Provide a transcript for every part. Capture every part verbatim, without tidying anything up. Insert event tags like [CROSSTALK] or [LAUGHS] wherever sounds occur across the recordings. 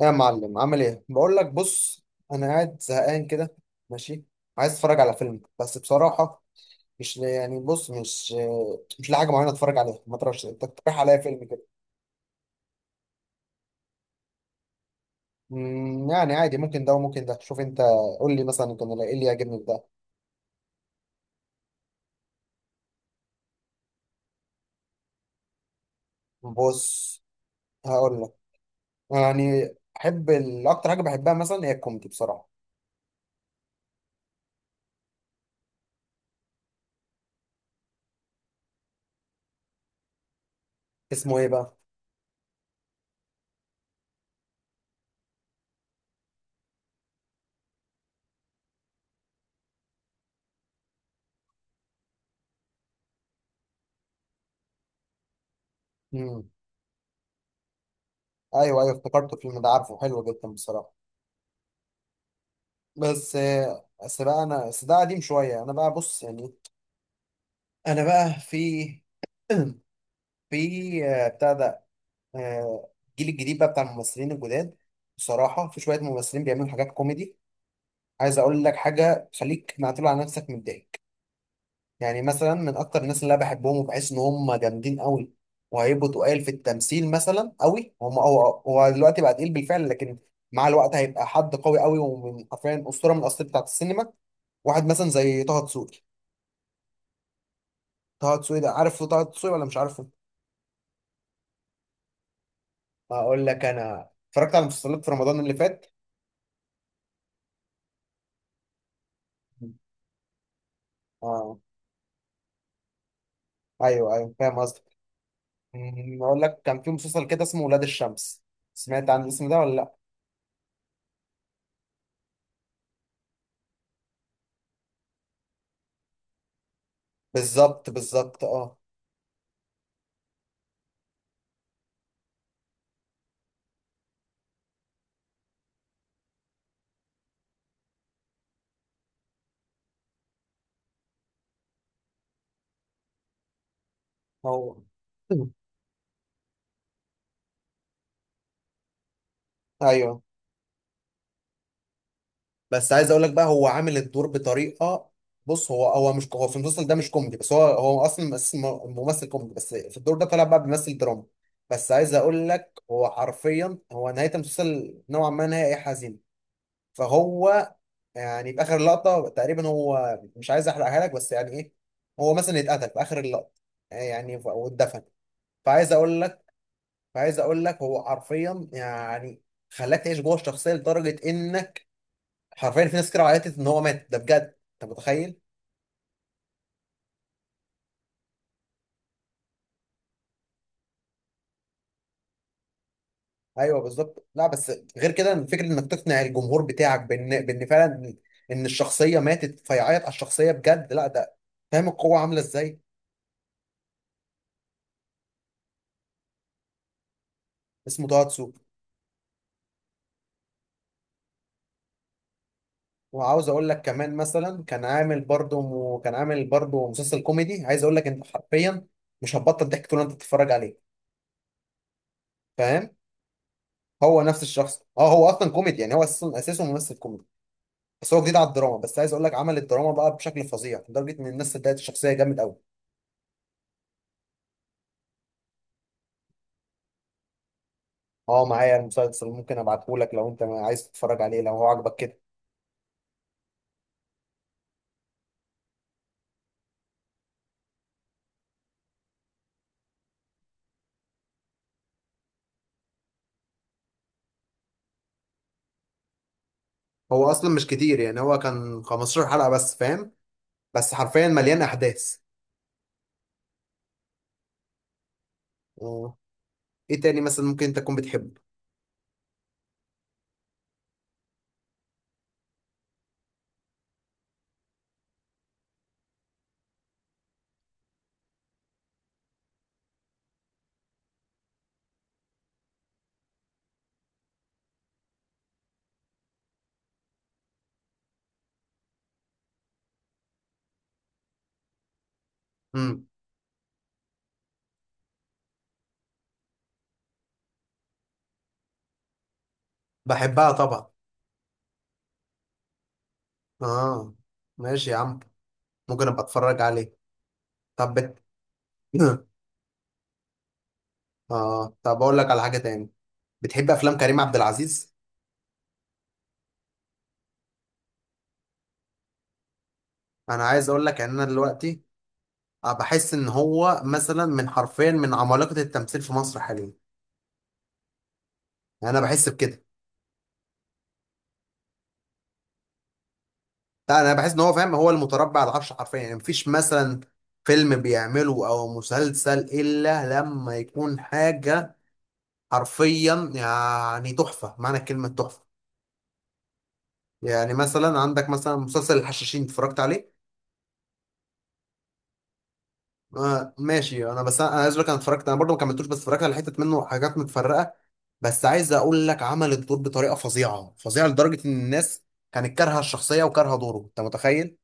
يا معلم عامل ايه؟ بقول لك بص، انا قاعد زهقان كده. ماشي، عايز اتفرج على فيلم بس بصراحه مش يعني بص مش مش لاقي حاجه معينه اتفرج عليها. ما تعرفش انت تقترح عليا فيلم كده؟ أمم، يعني عادي، ممكن ده وممكن ده. شوف انت، قول لي مثلا كان ايه اللي يعجبني في ده. بص، هقول لك يعني احب ال- اكتر حاجه بحبها مثلا هي الكوميدي بصراحه. اسمه ايه بقى؟ امم، ايوه ايوه، افتكرت الفيلم ده. عارفه، حلو جدا بصراحه. بس بس بقى انا بس ده قديم شويه. انا بقى بص يعني، انا بقى في [CLEARS THROAT] في آه، بتاع ده، آه، الجيل الجديد بقى بتاع الممثلين الجداد. بصراحه في شويه ممثلين بيعملوا حاجات كوميدي، عايز اقول لك حاجه، خليك معتول على نفسك من ضحك. يعني مثلا من اكتر الناس اللي انا بحبهم وبحس ان هم جامدين قوي وهيبقوا تقال في التمثيل مثلا قوي هم هو هو دلوقتي بقى تقيل بالفعل، لكن مع الوقت هيبقى حد قوي قوي ومن حرفيا اسطوره من الاساطير بتاعت السينما. واحد مثلا زي طه دسوقي. طه دسوقي ده، عارف طه دسوقي ولا مش عارفه؟ هقول لك، انا اتفرجت على مسلسلات في رمضان اللي فات. اه، ايوه ايوه فاهم قصدك. أمم، اقول لك، كان في مسلسل كده اسمه ولاد الشمس. سمعت عن الاسم ده ولا لا؟ بالظبط بالظبط اه. هو [CLEARS THROAT] ايوه، بس عايز اقول لك بقى هو عامل الدور بطريقه. بص، هو هو مش هو في المسلسل ده مش كوميدي، بس هو هو اصلا مس- م- ممثل كوميدي، بس في الدور ده طلع بقى بيمثل دراما. بس عايز اقول لك هو حرفيا، هو نهايه المسلسل نوعا ما نهايه حزينه. فهو يعني في اخر لقطه تقريبا، هو مش عايز احرقها لك بس يعني ايه، هو مثلا اتقتل في اخر اللقطه يعني ف- واتدفن. فعايز اقول لك فعايز اقول لك هو حرفيا يعني خلاك تعيش جوه الشخصيه لدرجه انك حرفيا في ناس كتير عيطت ان هو مات ده بجد. انت متخيل؟ ايوه بالظبط. لا بس غير كده، فكره انك تقنع الجمهور بتاعك بان بان فعلا ان الشخصيه ماتت، فيعيط على الشخصيه بجد، لا ده فاهم القوه عامله ازاي. اسمه تواتسو. وعاوز اقول لك كمان، مثلا كان عامل برضه كان عامل برضه مسلسل كوميدي، عايز اقول لك انت حرفيا مش هتبطل ضحك طول ما انت بتتفرج عليه. فاهم؟ هو نفس الشخص، اه، هو اصلا كوميدي يعني هو اساسا اساسه ممثل كوميدي، بس هو جديد على الدراما. بس عايز اقول لك عمل الدراما بقى بشكل فظيع لدرجه ان الناس صدقت الشخصيه، جامد قوي. اه، معايا المسلسل، ممكن ابعته لك لو انت عايز تتفرج عليه، لو هو عجبك كده. هو اصلا مش كتير، يعني هو كان خمس عشرة حلقه بس، فاهم؟ بس حرفيا مليان احداث. آه. ايه تاني مثلا ممكن انت تكون بتحبه؟ امم، بحبها طبعا. اه ماشي يا عم، ممكن ابقى اتفرج عليه. طب بت... [CLEARS THROAT] [LAUGHS] اه، طب اقول لك على حاجه تاني. بتحب افلام كريم عبد العزيز؟ انا عايز اقول لك ان انا دلوقتي آه، بحس ان هو مثلا من حرفيا من عمالقه التمثيل في مصر حاليا. يعني انا بحس بكده. لا انا بحس ان هو، فاهم، هو المتربع على العرش حرفيا، يعني مفيش مثلا فيلم بيعمله او مسلسل الا لما يكون حاجه حرفيا يعني تحفه، معنى كلمه تحفه. يعني مثلا عندك مثلا مسلسل الحشاشين، اتفرجت عليه؟ آه ماشي. انا بس انا أنا عايز اقول لك، انا اتفرجت، انا برضه ما كملتوش، بس اتفرجت على حتت منه، حاجات متفرقه. بس عايز اقول لك عمل الدور بطريقه فظيعه فظيعه لدرجه ان الناس كانت كارهه الشخصيه وكارهه دوره. انت متخيل؟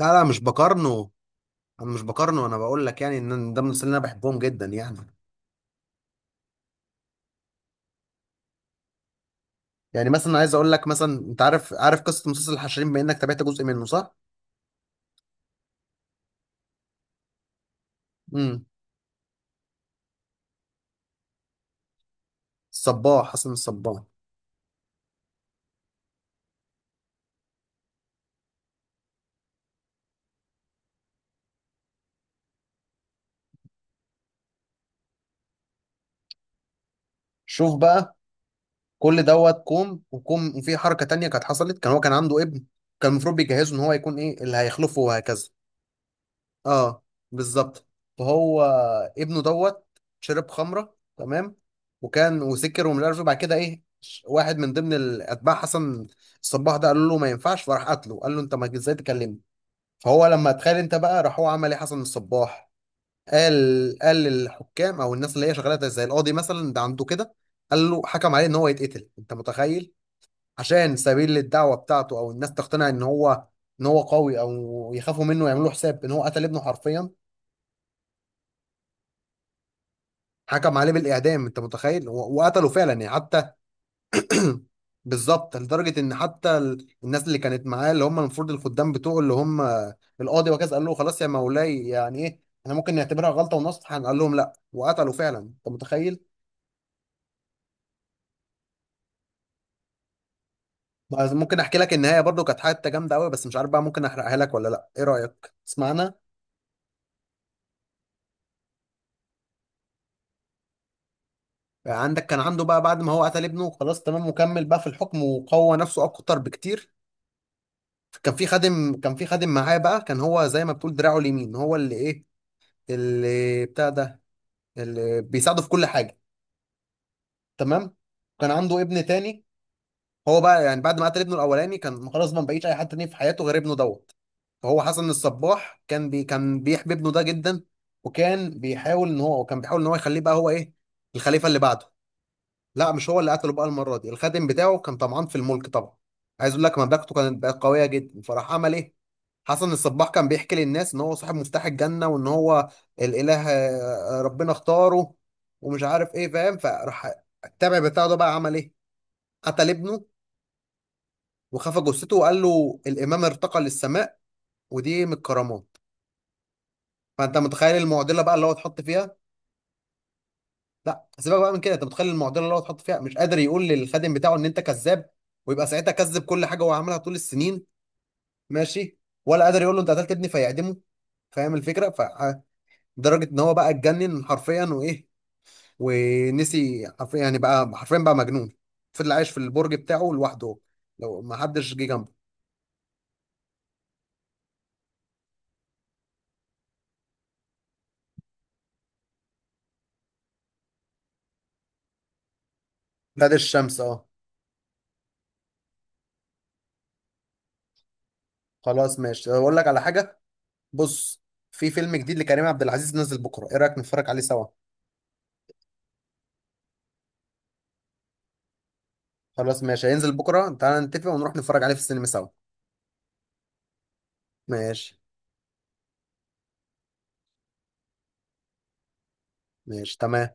لا لا مش بقارنه، انا مش بقارنه، انا بقول لك يعني ان ده من المسلسلين اللي انا بحبهم جدا يعني. يعني مثلا عايز اقول لك مثلا، انت عارف عارف قصه مسلسل الحشرين، بما انك تابعت جزء منه، صح؟ امم، الصباح، حسن الصباح. شوف بقى، كل دوت كوم وكوم. وفي حركة تانية كانت حصلت، كان هو كان عنده ابن، كان المفروض بيجهزه ان هو يكون ايه اللي هيخلفه وهكذا. اه، بالظبط. فهو، ابنه دوت شرب خمرة، تمام، وكان وسكر ومش عارف إيه. بعد كده ايه، ش- واحد من ضمن الاتباع حسن الصباح ده قال له ما ينفعش، فراح قتله. قال له انت ما ازاي تكلمني. فهو لما اتخيل، انت بقى راح هو عمل ايه حسن الصباح؟ قال قال للحكام، او الناس اللي هي شغاله زي القاضي مثلا، ده عنده كده، قال له حكم عليه ان هو يتقتل. انت متخيل؟ عشان سبيل للدعوه بتاعته، او الناس تقتنع ان هو ان هو قوي او يخافوا منه ويعملوا له حساب، ان هو قتل ابنه حرفيا. حكم عليه بالاعدام، انت متخيل؟ و- وقتله فعلا يعني حتى. بالظبط، لدرجه ان حتى ال- الناس اللي كانت معاه، اللي هم المفروض الخدام بتوعه، اللي هم القاضي وكذا، قال له خلاص يا مولاي يعني ايه، احنا ممكن نعتبرها غلطه ونصح، قال لهم لا، وقتله فعلا. انت متخيل؟ بس ممكن احكي لك النهايه برضو، كانت حته جامده قوي، بس مش عارف بقى ممكن احرقها لك ولا لا؟ ايه رايك تسمعنا؟ عندك، كان عنده بقى بعد ما هو قتل ابنه خلاص، تمام، وكمل بقى في الحكم وقوى نفسه اكتر بكتير. كان في خادم كان في خادم معاه بقى، كان هو زي ما بتقول دراعه اليمين، هو اللي ايه، اللي بتاع ده، اللي بيساعده في كل حاجه. تمام؟ كان عنده ابن تاني. هو بقى يعني بعد ما قتل ابنه الاولاني كان خلاص ما بقيش اي حد تاني في حياته غير ابنه دوت. فهو حسن الصباح كان بي كان بيحب ابنه ده جدا، وكان بيحاول ان هو وكان بيحاول ان هو يخليه بقى هو ايه، الخليفه اللي بعده. لا مش هو اللي قتله بقى المرة دي، الخادم بتاعه كان طمعان في الملك طبعا، عايز اقول لك مملكته كانت بقى قوية جدا، فراح عمل ايه؟ حسن الصباح كان بيحكي للناس ان هو صاحب مفتاح الجنة وان هو الاله، آه، ربنا اختاره ومش عارف ايه، فاهم؟ فراح التابع بتاعه ده بقى عمل ايه، قتل ابنه وخفى جثته وقال له الامام ارتقى للسماء، ودي من الكرامات. فانت متخيل المعضلة بقى اللي هو اتحط فيها. لا سيبك بقى من كده، انت متخيل المعضله اللي هو اتحط فيها، مش قادر يقول للخادم بتاعه ان انت كذاب، ويبقى ساعتها كذب كل حاجه هو عملها طول السنين، ماشي، ولا قادر يقول له انت قتلت ابني فيعدمه. فاهم الفكره؟ فدرجه ان هو بقى اتجنن حرفيا، وايه، ونسي حرفيا، يعني بقى حرفيا بقى مجنون، فضل عايش في البرج بتاعه لوحده، لو ما حدش جه جنبه. نادي الشمس، اه. خلاص ماشي، اقول لك على حاجه. بص، في فيلم جديد لكريم عبد العزيز نزل بكره، ايه رايك نتفرج عليه سوا؟ خلاص ماشي، هينزل بكره، تعالى نتفق ونروح نتفرج عليه في السينما سوا. ماشي، ماشي، تمام.